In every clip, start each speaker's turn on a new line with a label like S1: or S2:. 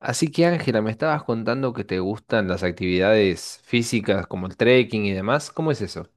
S1: Así que Ángela, me estabas contando que te gustan las actividades físicas como el trekking y demás. ¿Cómo es eso?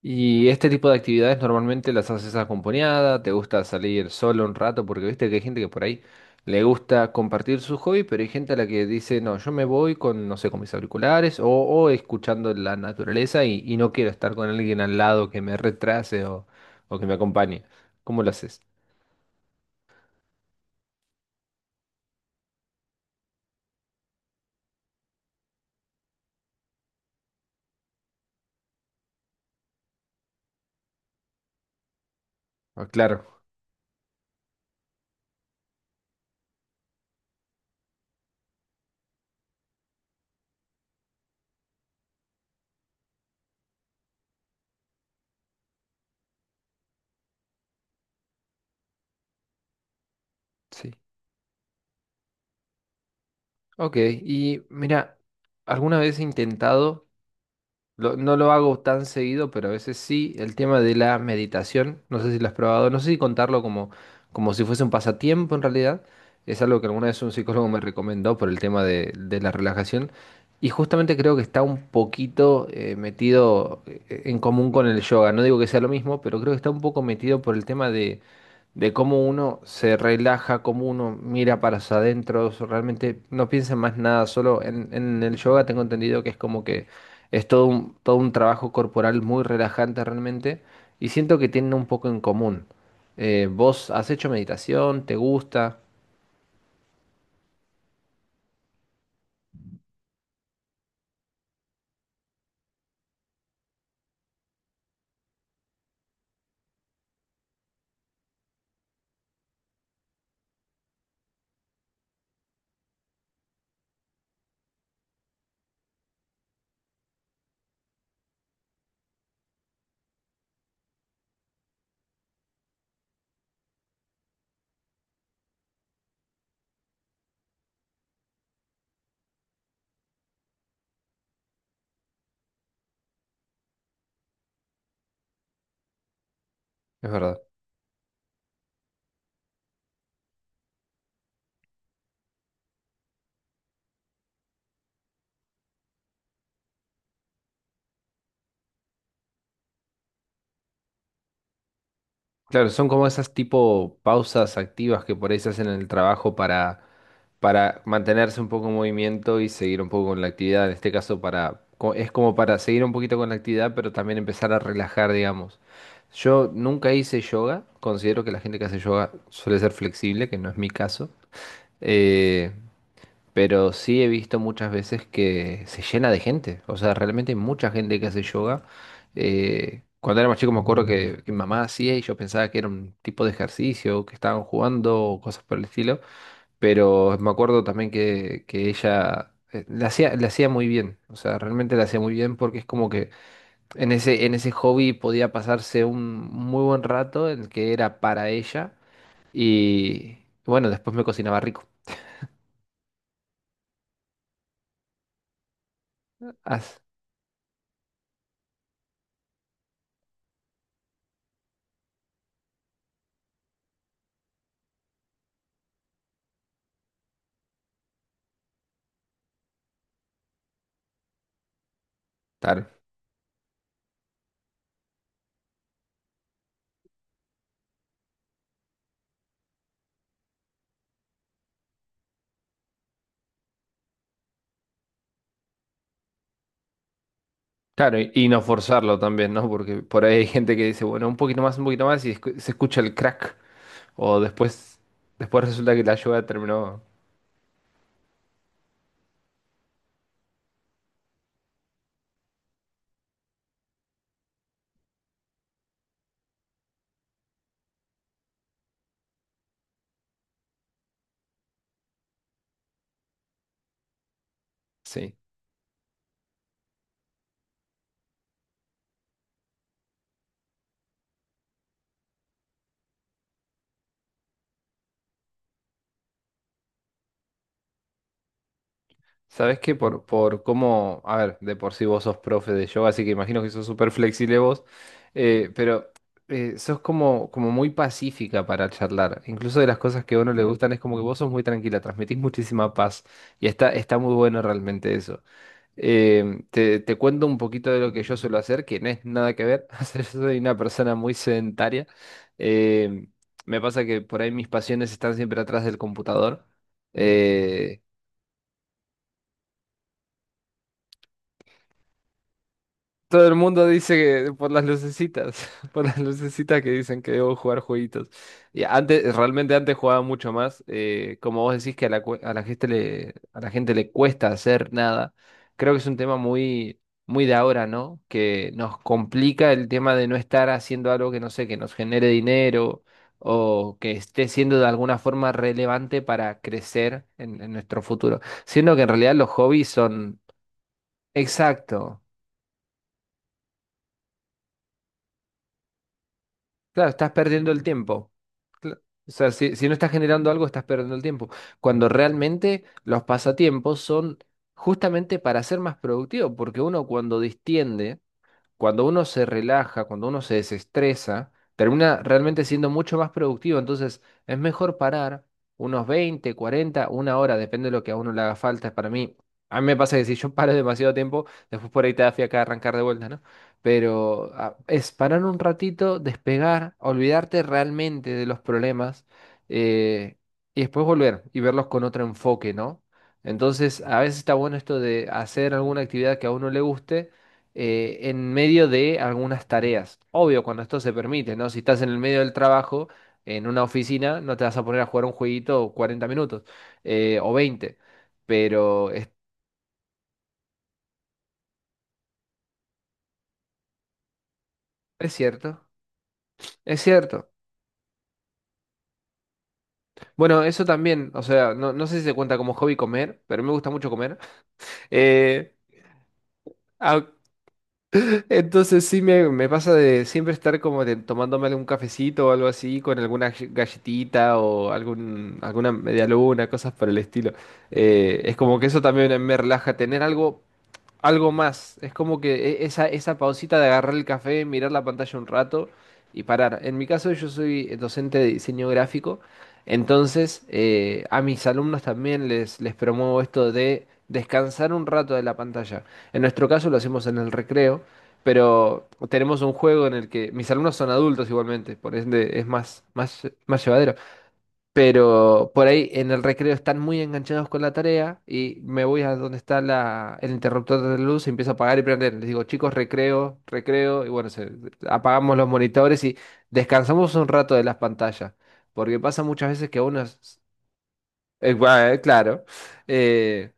S1: ¿Y este tipo de actividades normalmente las haces acompañada? ¿Te gusta salir solo un rato? Porque viste que hay gente que por ahí le gusta compartir su hobby, pero hay gente a la que dice, no, yo me voy con, no sé, con mis auriculares o escuchando la naturaleza y no quiero estar con alguien al lado que me retrase o que me acompañe. ¿Cómo lo haces? Ah, claro, sí. Ok, y mira, alguna vez he intentado... No lo hago tan seguido, pero a veces sí. El tema de la meditación, no sé si lo has probado, no sé si contarlo como, como si fuese un pasatiempo en realidad. Es algo que alguna vez un psicólogo me recomendó por el tema de la relajación. Y justamente creo que está un poquito metido en común con el yoga. No digo que sea lo mismo, pero creo que está un poco metido por el tema de cómo uno se relaja, cómo uno mira para hacia adentro, realmente no piensa en más nada, solo en el yoga tengo entendido que es como que es todo un trabajo corporal muy relajante realmente y siento que tienen un poco en común. ¿Vos has hecho meditación? ¿Te gusta? Es verdad. Claro, son como esas tipo pausas activas que por ahí se hacen en el trabajo para mantenerse un poco en movimiento y seguir un poco con la actividad. En este caso, para, es como para seguir un poquito con la actividad, pero también empezar a relajar, digamos. Yo nunca hice yoga, considero que la gente que hace yoga suele ser flexible, que no es mi caso. Eh, pero sí he visto muchas veces que se llena de gente. O sea, realmente hay mucha gente que hace yoga. Cuando era más chico me acuerdo que mi mamá hacía y yo pensaba que era un tipo de ejercicio, que estaban jugando o cosas por el estilo. Pero me acuerdo también que ella la hacía muy bien. O sea, realmente la hacía muy bien porque es como que en ese hobby podía pasarse un muy buen rato en el que era para ella. Y bueno, después me cocinaba rico. As- claro. Claro, y no forzarlo también, ¿no? Porque por ahí hay gente que dice, bueno, un poquito más, y se escucha el crack. O después, después resulta que la yoga terminó. Sí. ¿Sabes qué? Por cómo. A ver, de por sí vos sos profe de yoga, así que imagino que sos súper flexible vos. Pero sos como, como muy pacífica para charlar. Incluso de las cosas que a uno le gustan es como que vos sos muy tranquila, transmitís muchísima paz. Y está muy bueno realmente eso. Te cuento un poquito de lo que yo suelo hacer, que no es nada que ver. O sea, yo soy una persona muy sedentaria. Eh, Me pasa que por ahí mis pasiones están siempre atrás del computador. Todo el mundo dice que por las lucecitas, por las lucecitas que dicen que debo jugar jueguitos. Y antes, realmente antes jugaba mucho más. Como vos decís que a la, a la gente a la gente le cuesta hacer nada, creo que es un tema muy de ahora, ¿no? Que nos complica el tema de no estar haciendo algo que no sé, que nos genere dinero o que esté siendo de alguna forma relevante para crecer en nuestro futuro. Siendo que en realidad los hobbies son... Exacto. Claro, estás perdiendo el tiempo. Cla- O sea, si no estás generando algo, estás perdiendo el tiempo. Cuando realmente los pasatiempos son justamente para ser más productivo, porque uno cuando distiende cuando uno se relaja, cuando uno se desestresa, termina realmente siendo mucho más productivo. Entonces, es mejor parar unos 20, 40, una hora, depende de lo que a uno le haga falta. Para mí, a mí me pasa que si yo paro demasiado tiempo, después por ahí te da fiaca arrancar de vuelta, ¿no? Pero ah, es parar un ratito, despegar, olvidarte realmente de los problemas eh, y después volver y verlos con otro enfoque, ¿no? Entonces, a veces está bueno esto de hacer alguna actividad que a uno le guste en medio de algunas tareas. Obvio, cuando esto se permite, ¿no? Si estás en el medio del trabajo, en una oficina, no te vas a poner a jugar un jueguito 40 minutos o veinte. Pero es cierto, es cierto. Bueno, eso también, o sea, no, no sé si se cuenta como hobby comer, pero me gusta mucho comer. Eh, Entonces sí me pasa de siempre estar como de, tomándome algún cafecito o algo así, con alguna galletita o alguna media luna, cosas por el estilo. Es como que eso también me relaja, tener algo algo más. Es como que esa pausita de agarrar el café, mirar la pantalla un rato y parar. En mi caso, yo soy docente de diseño gráfico, entonces a mis alumnos también les promuevo esto de descansar un rato de la pantalla. En nuestro caso lo hacemos en el recreo, pero tenemos un juego en el que mis alumnos son adultos igualmente, por ende es más llevadero. Pero por ahí en el recreo están muy enganchados con la tarea y me voy a donde está el interruptor de luz, empiezo a apagar y prender. Les digo, chicos, recreo, recreo, y bueno, apagamos los monitores y descansamos un rato de las pantallas. Porque pasa muchas veces que uno, bueno, claro, eh,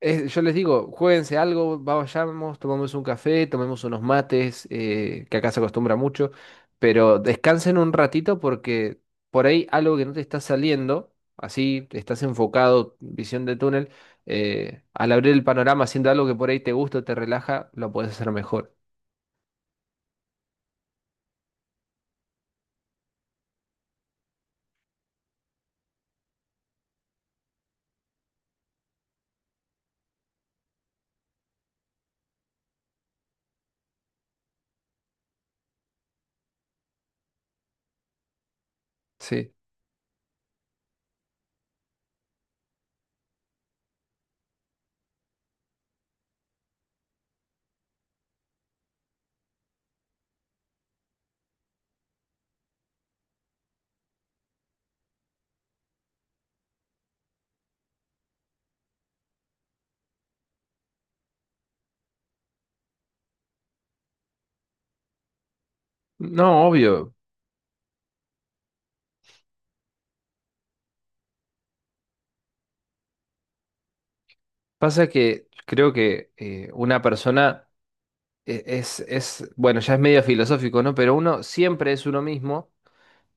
S1: yo les digo, juéguense algo, vayamos, tomemos un café, tomemos unos mates, que acá se acostumbra mucho, pero descansen un ratito porque por ahí algo que no te está saliendo, así estás enfocado, visión de túnel, al abrir el panorama haciendo algo que por ahí te gusta, o te relaja, lo puedes hacer mejor. Sí. No, obvio. Pasa que creo que una persona bueno, ya es medio filosófico, ¿no? Pero uno siempre es uno mismo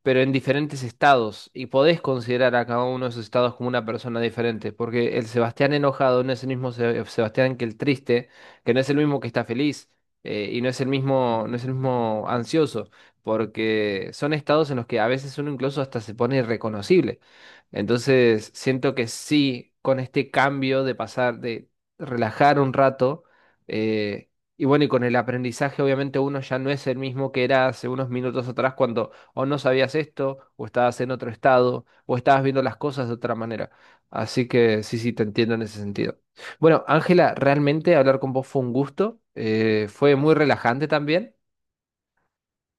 S1: pero en diferentes estados, y podés considerar a cada uno de esos estados como una persona diferente, porque el Sebastián enojado no es el mismo Sebastián que el triste, que no es el mismo que está feliz, y no es el mismo, no es el mismo ansioso, porque son estados en los que a veces uno incluso hasta se pone irreconocible. Entonces, siento que sí, con este cambio de pasar, de relajar un rato, eh, y bueno, y con el aprendizaje, obviamente uno ya no es el mismo que era hace unos minutos atrás cuando o no sabías esto, o estabas en otro estado, o estabas viendo las cosas de otra manera. Así que sí, sí, te entiendo en ese sentido. Bueno, Ángela, realmente hablar con vos fue un gusto, fue muy relajante también.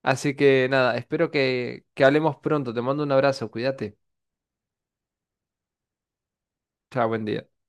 S1: Así que nada, espero que hablemos pronto. Te mando un abrazo, cuídate. Chao, buen día.